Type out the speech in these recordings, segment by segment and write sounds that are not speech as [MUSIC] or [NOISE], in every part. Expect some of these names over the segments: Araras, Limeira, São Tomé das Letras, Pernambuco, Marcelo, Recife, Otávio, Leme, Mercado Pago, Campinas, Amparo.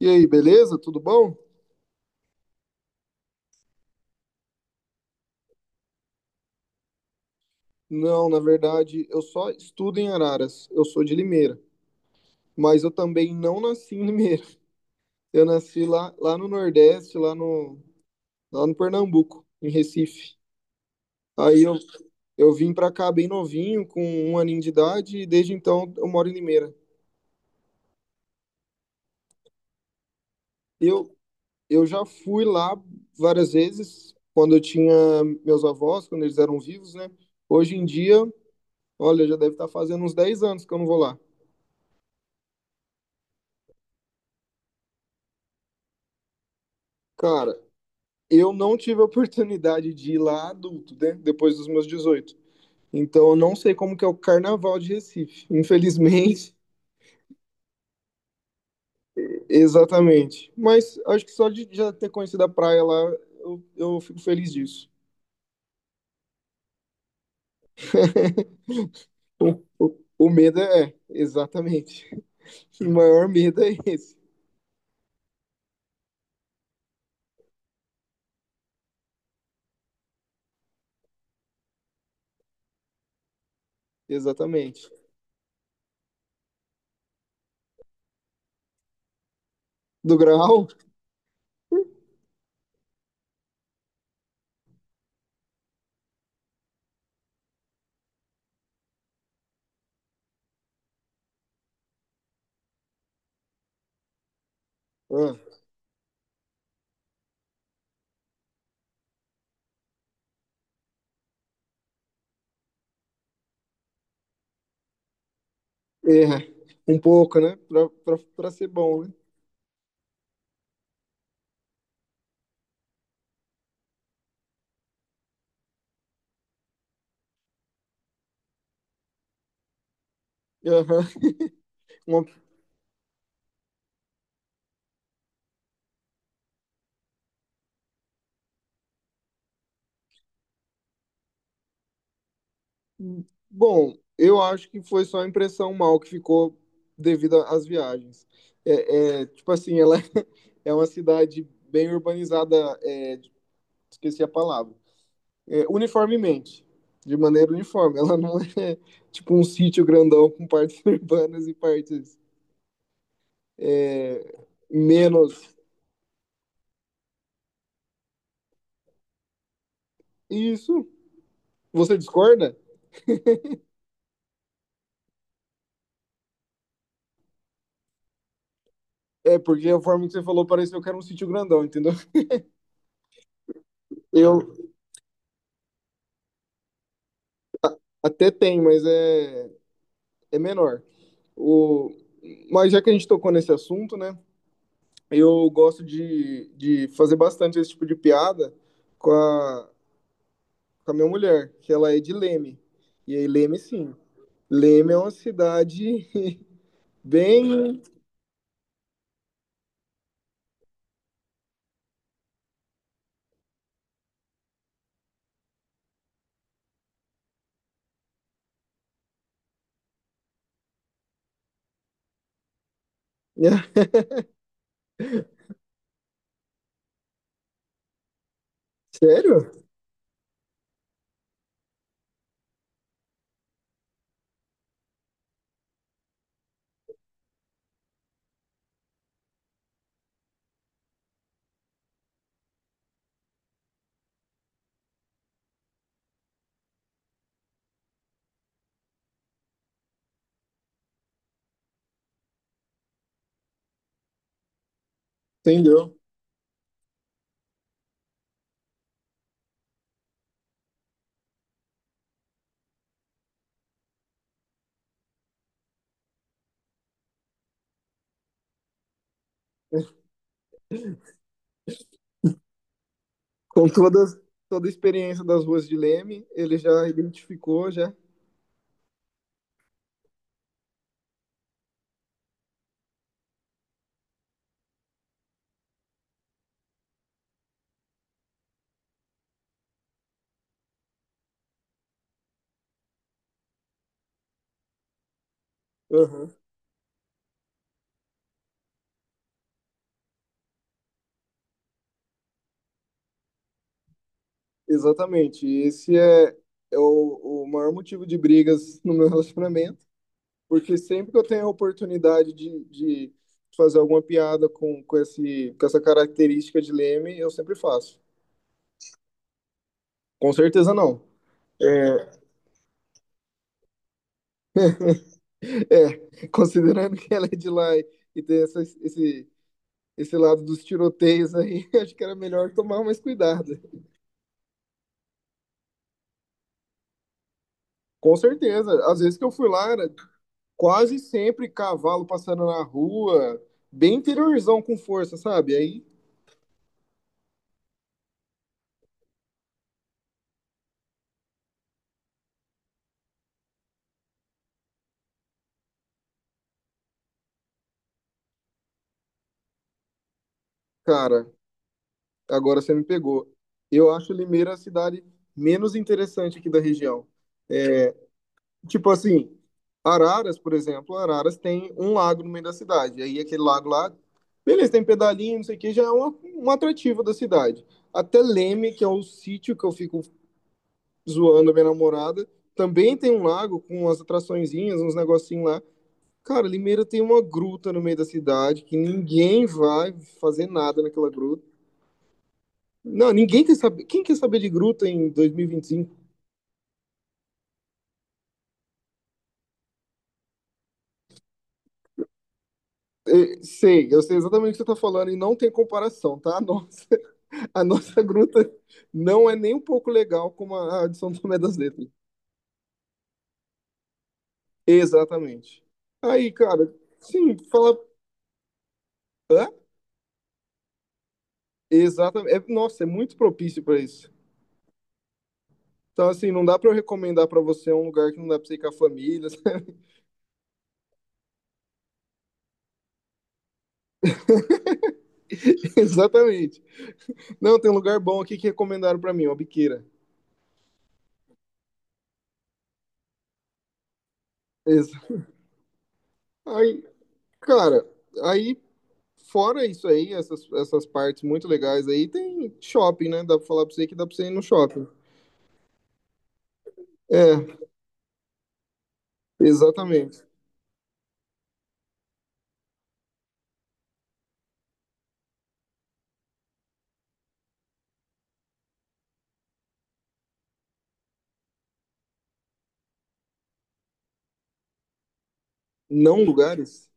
E aí, beleza? Tudo bom? Não, na verdade, eu só estudo em Araras. Eu sou de Limeira, mas eu também não nasci em Limeira. Eu nasci lá no Nordeste, lá no Pernambuco, em Recife. Aí eu vim pra cá bem novinho, com um aninho de idade, e desde então eu moro em Limeira. Eu, eu já fui lá várias vezes, quando eu tinha meus avós, quando eles eram vivos, né? Hoje em dia, olha, já deve estar fazendo uns 10 anos que eu não vou lá. Cara, eu não tive a oportunidade de ir lá adulto, né? Depois dos meus 18. Então eu não sei como que é o carnaval de Recife, infelizmente. [LAUGHS] Exatamente. Mas acho que só de já ter conhecido a praia lá, eu fico feliz disso. [LAUGHS] O medo é, exatamente. O maior medo é esse, exatamente. Do grau? Ah, é, um pouco, né? Pra ser bom, né? Uhum. Uma, Bom, eu acho que foi só a impressão mal que ficou devido às viagens. É, tipo assim, ela [LAUGHS] é uma cidade bem urbanizada, é, esqueci a palavra, é, uniformemente, de maneira uniforme. Ela não [LAUGHS] é tipo um sítio grandão com partes [LAUGHS] urbanas e partes é, menos. Isso, você discorda? É porque a forma que você falou pareceu que era um sítio grandão, entendeu? Eu até tenho, mas é menor. O, mas já que a gente tocou nesse assunto, né? Eu gosto de fazer bastante esse tipo de piada com a, com a minha mulher, que ela é de Leme. E aí, Leme, sim. Leme é uma cidade bem. [LAUGHS] Sério? Entendeu? Com todas, toda a experiência das ruas de Leme, ele já identificou já. Aham, exatamente. E esse é o maior motivo de brigas no meu [LAUGHS] relacionamento, porque sempre que eu tenho a oportunidade de fazer alguma piada com essa característica de Leme, eu sempre faço. Com certeza não. É, [LAUGHS] considerando que ela é de lá e tem esse lado dos tiroteios aí, [LAUGHS] acho que era melhor tomar mais cuidado. Com certeza. Às vezes que eu fui lá, era quase sempre cavalo passando na rua, bem interiorzão com força, sabe? Aí, cara, agora você me pegou. Eu acho Limeira a cidade menos interessante aqui da região. Tipo assim, Araras, por exemplo, Araras tem um lago no meio da cidade. Aí aquele lago lá, beleza, tem pedalinho, não sei o que, já é um atrativo da cidade. Até Leme, que é o sítio que eu fico zoando a minha namorada, também tem um lago com umas atraçõezinhas, uns negocinhos lá. Cara, Limeira tem uma gruta no meio da cidade que ninguém vai fazer nada naquela gruta. Não, ninguém quer saber. Quem quer saber de gruta em 2025? Eu sei exatamente o que você tá falando e não tem comparação, tá? [LAUGHS] Nossa. A nossa [LAUGHS] gruta não é nem um pouco legal como a de São Tomé das Letras. Exatamente. Aí, cara, sim, fala. Hã? Exatamente. Nossa, é muito propício para isso. Então, assim, não dá para eu recomendar para você um lugar que não dá para você ir com a família. [LAUGHS] Exatamente. Não, tem um lugar bom aqui que recomendaram para mim, uma biqueira. Exa- Aí, cara, aí fora isso aí, essas partes muito legais aí, tem shopping, né? Dá pra falar pra você que dá pra você ir no shopping. É, exatamente. Não lugares?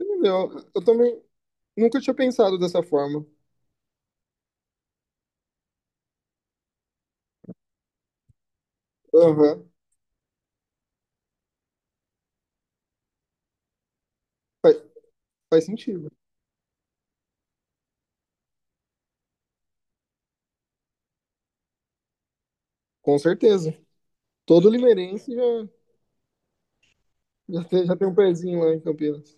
Entendeu? Eu também nunca tinha pensado dessa forma. Aham. Faz, faz sentido. Com certeza. Todo limeirense já tem um pezinho lá em Campinas.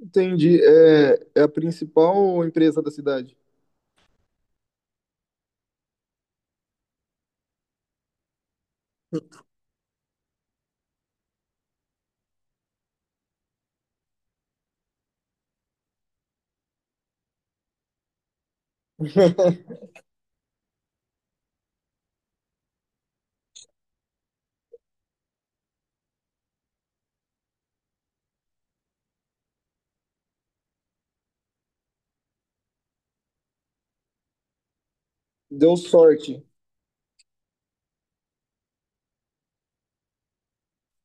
Entendi. É, a principal empresa da cidade. [LAUGHS] Deu sorte.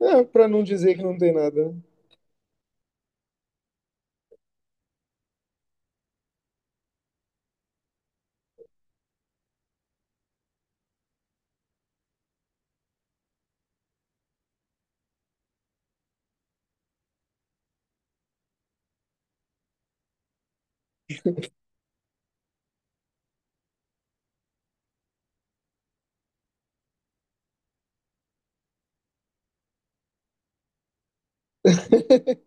É, pra não dizer que não tem nada, né? [LAUGHS]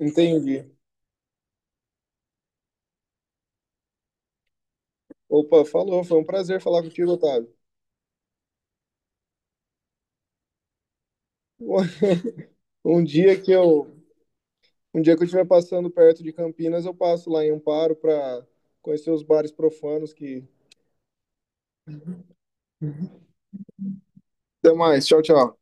Entendi. Opa, falou. Foi um prazer falar contigo, Otávio. [LAUGHS] Um dia que eu Um dia que eu estiver passando perto de Campinas, eu passo lá em Amparo para conhecer os bares profanos que. Até mais. Tchau, tchau.